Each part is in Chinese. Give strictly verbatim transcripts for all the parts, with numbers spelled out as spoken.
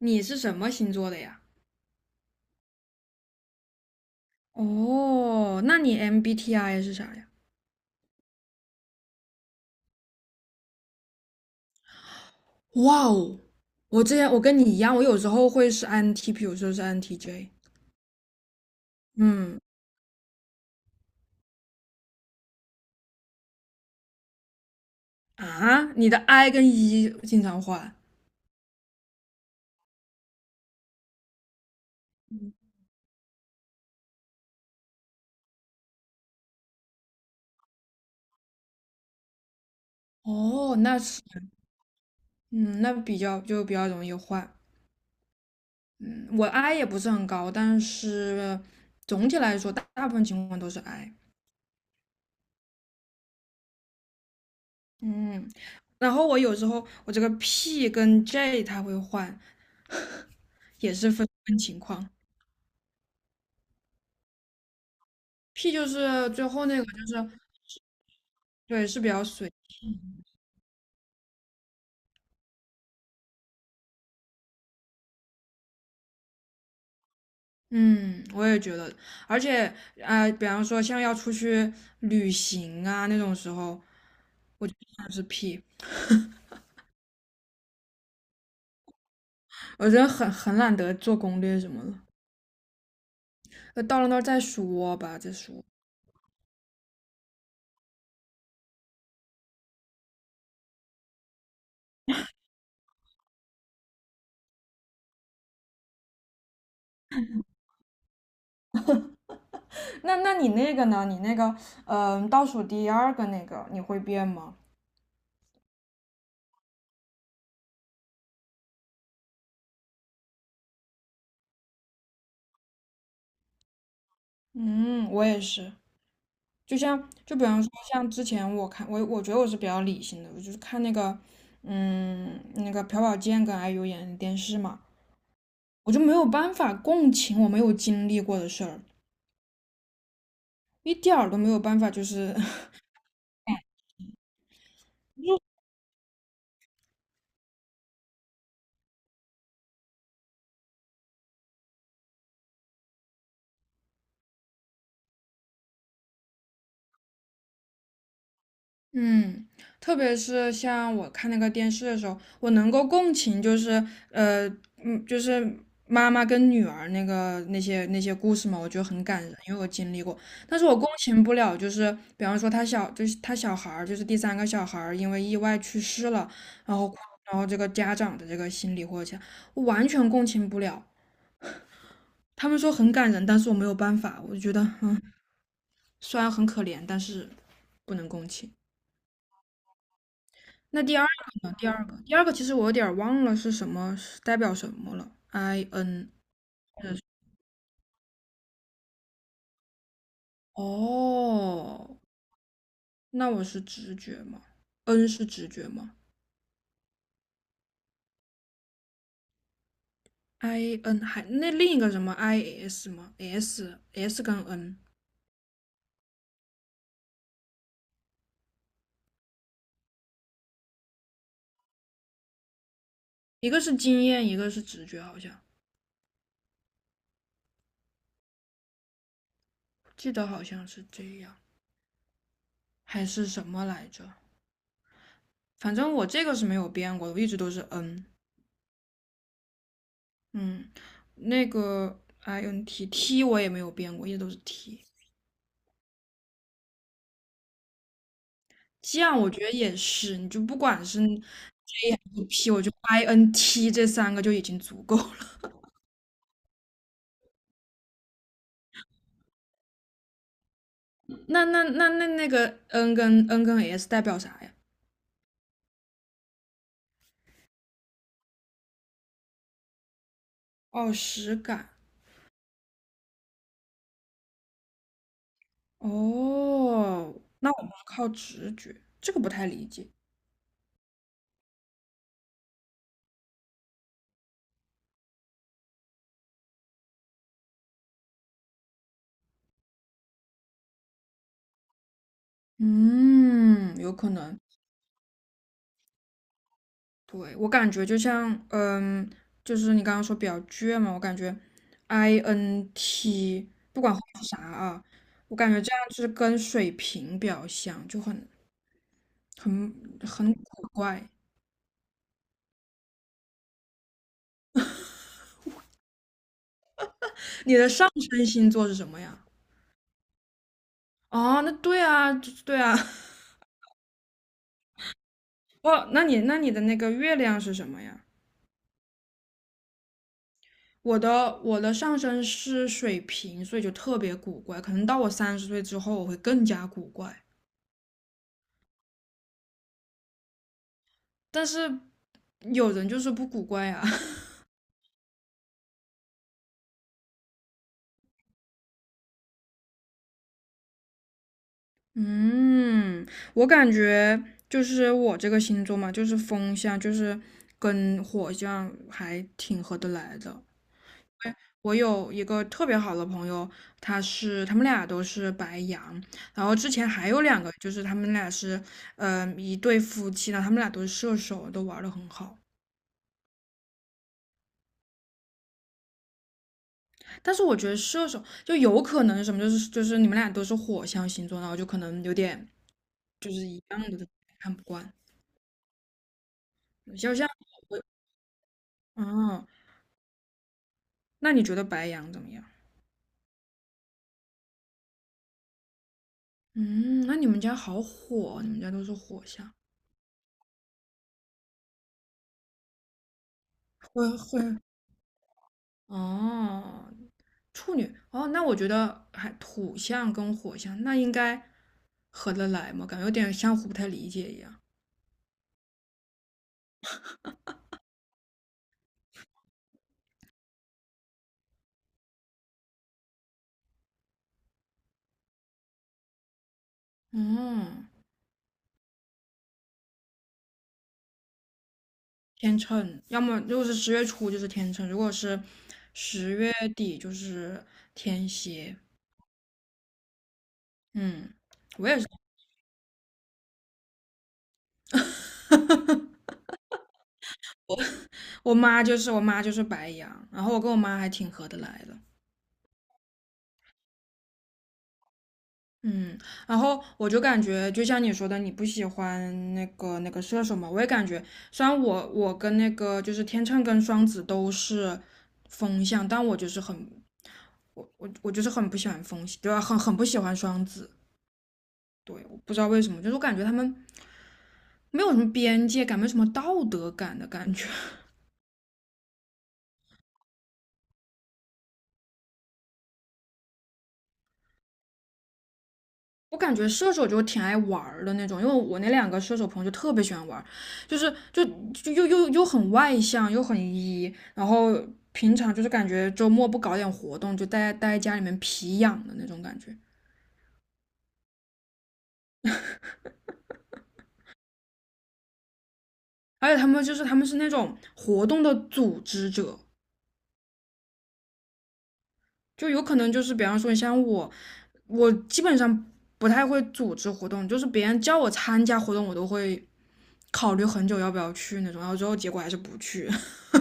你是什么星座的呀？哦，那你 M B T I 是啥呀？哇哦，我之前我跟你一样，我有时候会是 I N T P，有时候是 I N T J。嗯，啊，你的 I 跟 E 经常换。哦，那是嗯，那比较就比较容易换。嗯，我 I 也不是很高，但是总体来说，大大部分情况都是 I。嗯，然后我有时候我这个 P 跟 J 它会换，也是分分情况。P 就是最后那个，就是对，是比较随。嗯，我也觉得，而且啊、呃比方说像要出去旅行啊那种时候，我就想是 P，我觉得很很懒得做攻略什么的，呃到了那儿再说吧，再说。那那你那个呢？你那个，嗯、倒数第二个那个，你会变吗？嗯，我也是。就像就比方说像之前我看我我觉得我是比较理性的，我就是看那个嗯那个朴宝剑跟 I U 演的电视嘛，我就没有办法共情我没有经历过的事儿，一点儿都没有办法就是 嗯，特别是像我看那个电视的时候，我能够共情，就是呃，嗯，就是妈妈跟女儿那个那些那些故事嘛，我觉得很感人，因为我经历过。但是我共情不了，就是比方说他小，就是他小孩儿，就是第三个小孩儿因为意外去世了，然后然后这个家长的这个心理或者我完全共情不了。他们说很感人，但是我没有办法，我就觉得嗯，虽然很可怜，但是不能共情。那第二个呢？第二个，第二个其实我有点儿忘了是什么，是代表什么了。I N，哦，那我是直觉吗？N 是直觉吗？I N 还那另一个什么 I S 吗？S S 跟 N，一个是经验，一个是直觉，好像记得好像是这样，还是什么来着？反正我这个是没有变过，的，我一直都是 N。嗯，那个 I N T T 我也没有变过，一直都是 T。这样我觉得也是，你就不管是 E P，我就 I N T 这三个就已经足够了。那那那那那个 N 跟 N 跟 S 代表啥呀？哦，实感。哦，那我们靠直觉，这个不太理解。嗯，有可能。对，我感觉就像，嗯，就是你刚刚说比较倔嘛，我感觉 I N T 不管后面是啥啊，我感觉这样就是跟水平比较像，就很很很古怪。你的上升星座是什么呀？哦，那对啊，对啊。哦，那你那你的那个月亮是什么呀？我的我的上升是水瓶，所以就特别古怪。可能到我三十岁之后，我会更加古怪。但是有人就是不古怪啊，嗯，我感觉就是我这个星座嘛，就是风象，就是跟火象还挺合得来的。我有一个特别好的朋友，他是他们俩都是白羊，然后之前还有两个，就是他们俩是，嗯，一对夫妻，然后他们俩都是射手，都玩的很好。但是我觉得射手就有可能是什么，就是就是你们俩都是火象星座，然后就可能有点看不惯。肖像我，嗯，那你觉得白羊怎么样？嗯，那你们家好火，你们家都是火象，会会哦，处女哦，那我觉得还土象跟火象那应该合得来吗？感觉有点相互不太理解一样。嗯，天秤，要么如果是十月初就是天秤，如果是十月底就是天蝎。嗯，我妈就是我妈就是白羊，然后我跟我妈还挺合得来的。嗯，然后我就感觉，就像你说的，你不喜欢那个那个射手嘛，我也感觉，虽然我我跟那个就是天秤跟双子都是风象，但我就是很我我就是很不喜欢风，对吧？很很不喜欢双子，对，我不知道为什么，就是我感觉他们没有什么边界感，没有什么道德感的感觉。我感觉射手就挺爱玩儿的那种，因为我那两个射手朋友就特别喜欢玩儿，就是就就又又又很外向，又很 E，然后平常就是感觉周末不搞点活动，就待待在家里面皮痒的那种感觉。而且他们就是他们是那种活动的组织者，就有可能就是比方说像我，我基本上不太会组织活动，就是别人叫我参加活动，我都会考虑很久要不要去那种，然后最后结果还是不去。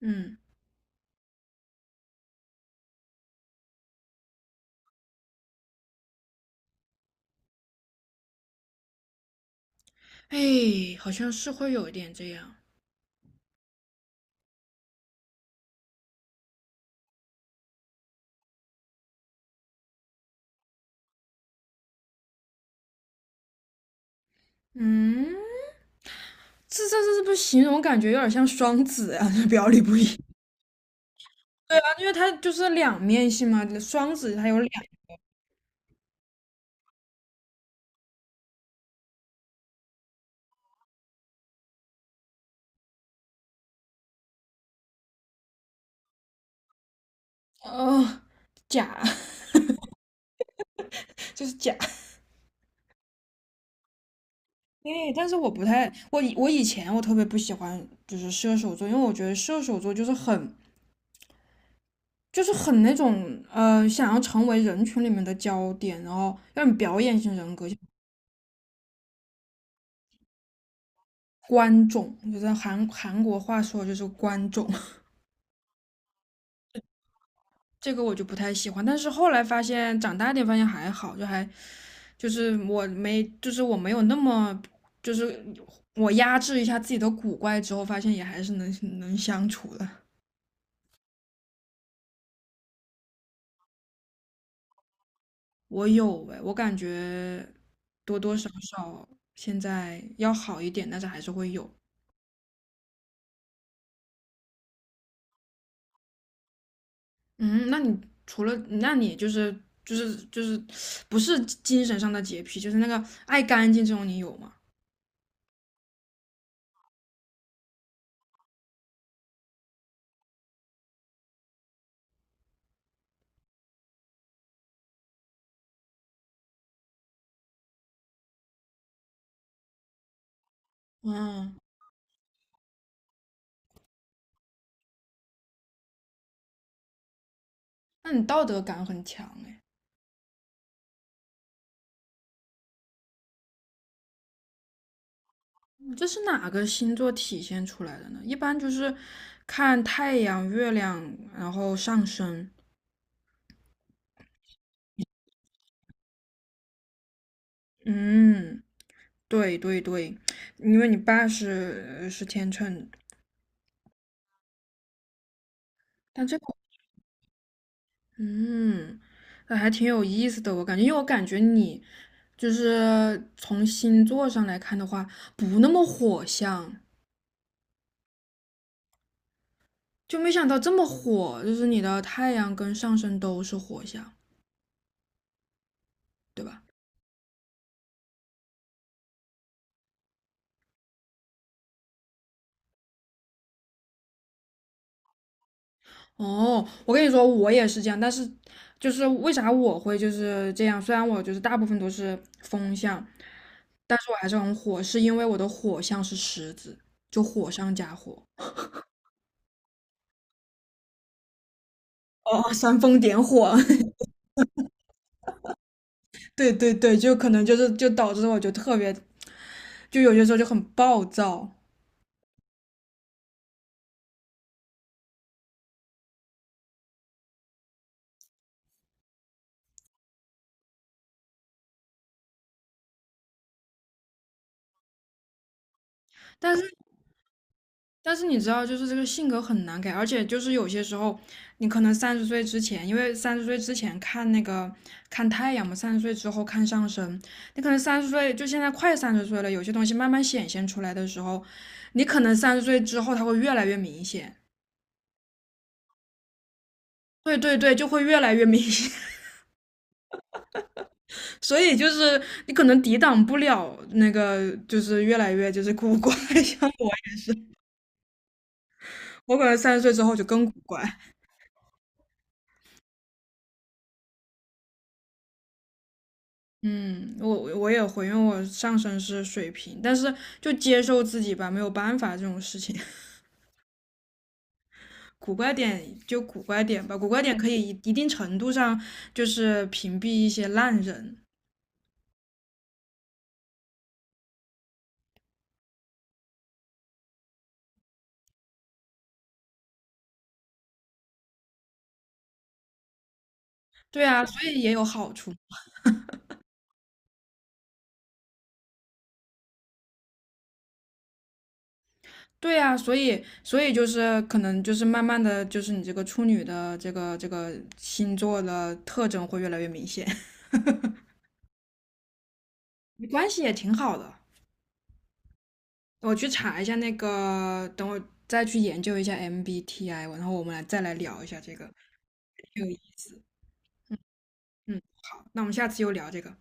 嗯。哎，好像是会有一点这样。嗯，这这这这不形容感觉有点像双子啊，表里不一。啊，因为它就是两面性嘛，双子它有两哦，假，就是假。哎，但是我不太，我以我以前我特别不喜欢就是射手座，因为我觉得射手座就是很就是很那种呃，想要成为人群里面的焦点，然后有点表演型人格，观众，就是韩韩国话说就是观众。这个我就不太喜欢。但是后来发现，长大点发现还好，就还就是我没就是我没有那么就是我压制一下自己的古怪之后，发现也还是能能相处的。我有哎，我感觉多多少少现在要好一点，但是还是会有。嗯，那你除了那你就是就是就是不是精神上的洁癖，就是那个爱干净这种，你有吗？嗯，那你道德感很强哎。这是哪个星座体现出来的呢？一般就是看太阳、月亮，然后上升。嗯，对对对，因为你爸是是天秤，但这个嗯，那还挺有意思的。我感觉，因为我感觉你就是从星座上来看的话，不那么火象，就没想到这么火，就是你的太阳跟上升都是火象，对吧？哦，我跟你说，我也是这样，但是就是为啥我会就是这样？虽然我就是大部分都是风象，但是我还是很火，是因为我的火象是狮子，就火上加火。哦，煽风点火，对对对，就可能就是就导致我就特别，就有些时候就很暴躁。但是但是你知道，就是这个性格很难改，而且就是有些时候，你可能三十岁之前，因为三十岁之前看那个看太阳嘛，三十岁之后看上升。你可能三十岁，就现在快三十岁了，有些东西慢慢显现出来的时候，你可能三十岁之后它会越来越明显。对对对，就会越来越明显。所以就是你可能抵挡不了那个，就是越来越就是古怪。像我，我可能三十岁之后就更古怪。嗯，我我也会，因为我上身是水瓶，但是就接受自己吧，没有办法这种事情。古怪点就古怪点吧，古怪点可以一一定程度上就是屏蔽一些烂人，对啊，所以也有好处。对啊，所以所以就是可能就是慢慢的就是你这个处女的这个这个星座的特征会越来越明显，没关系也挺好的。我去查一下那个，等我再去研究一下 M B T I，然后我们来再来聊一下这个，挺有意思。嗯，好，那我们下次又聊这个。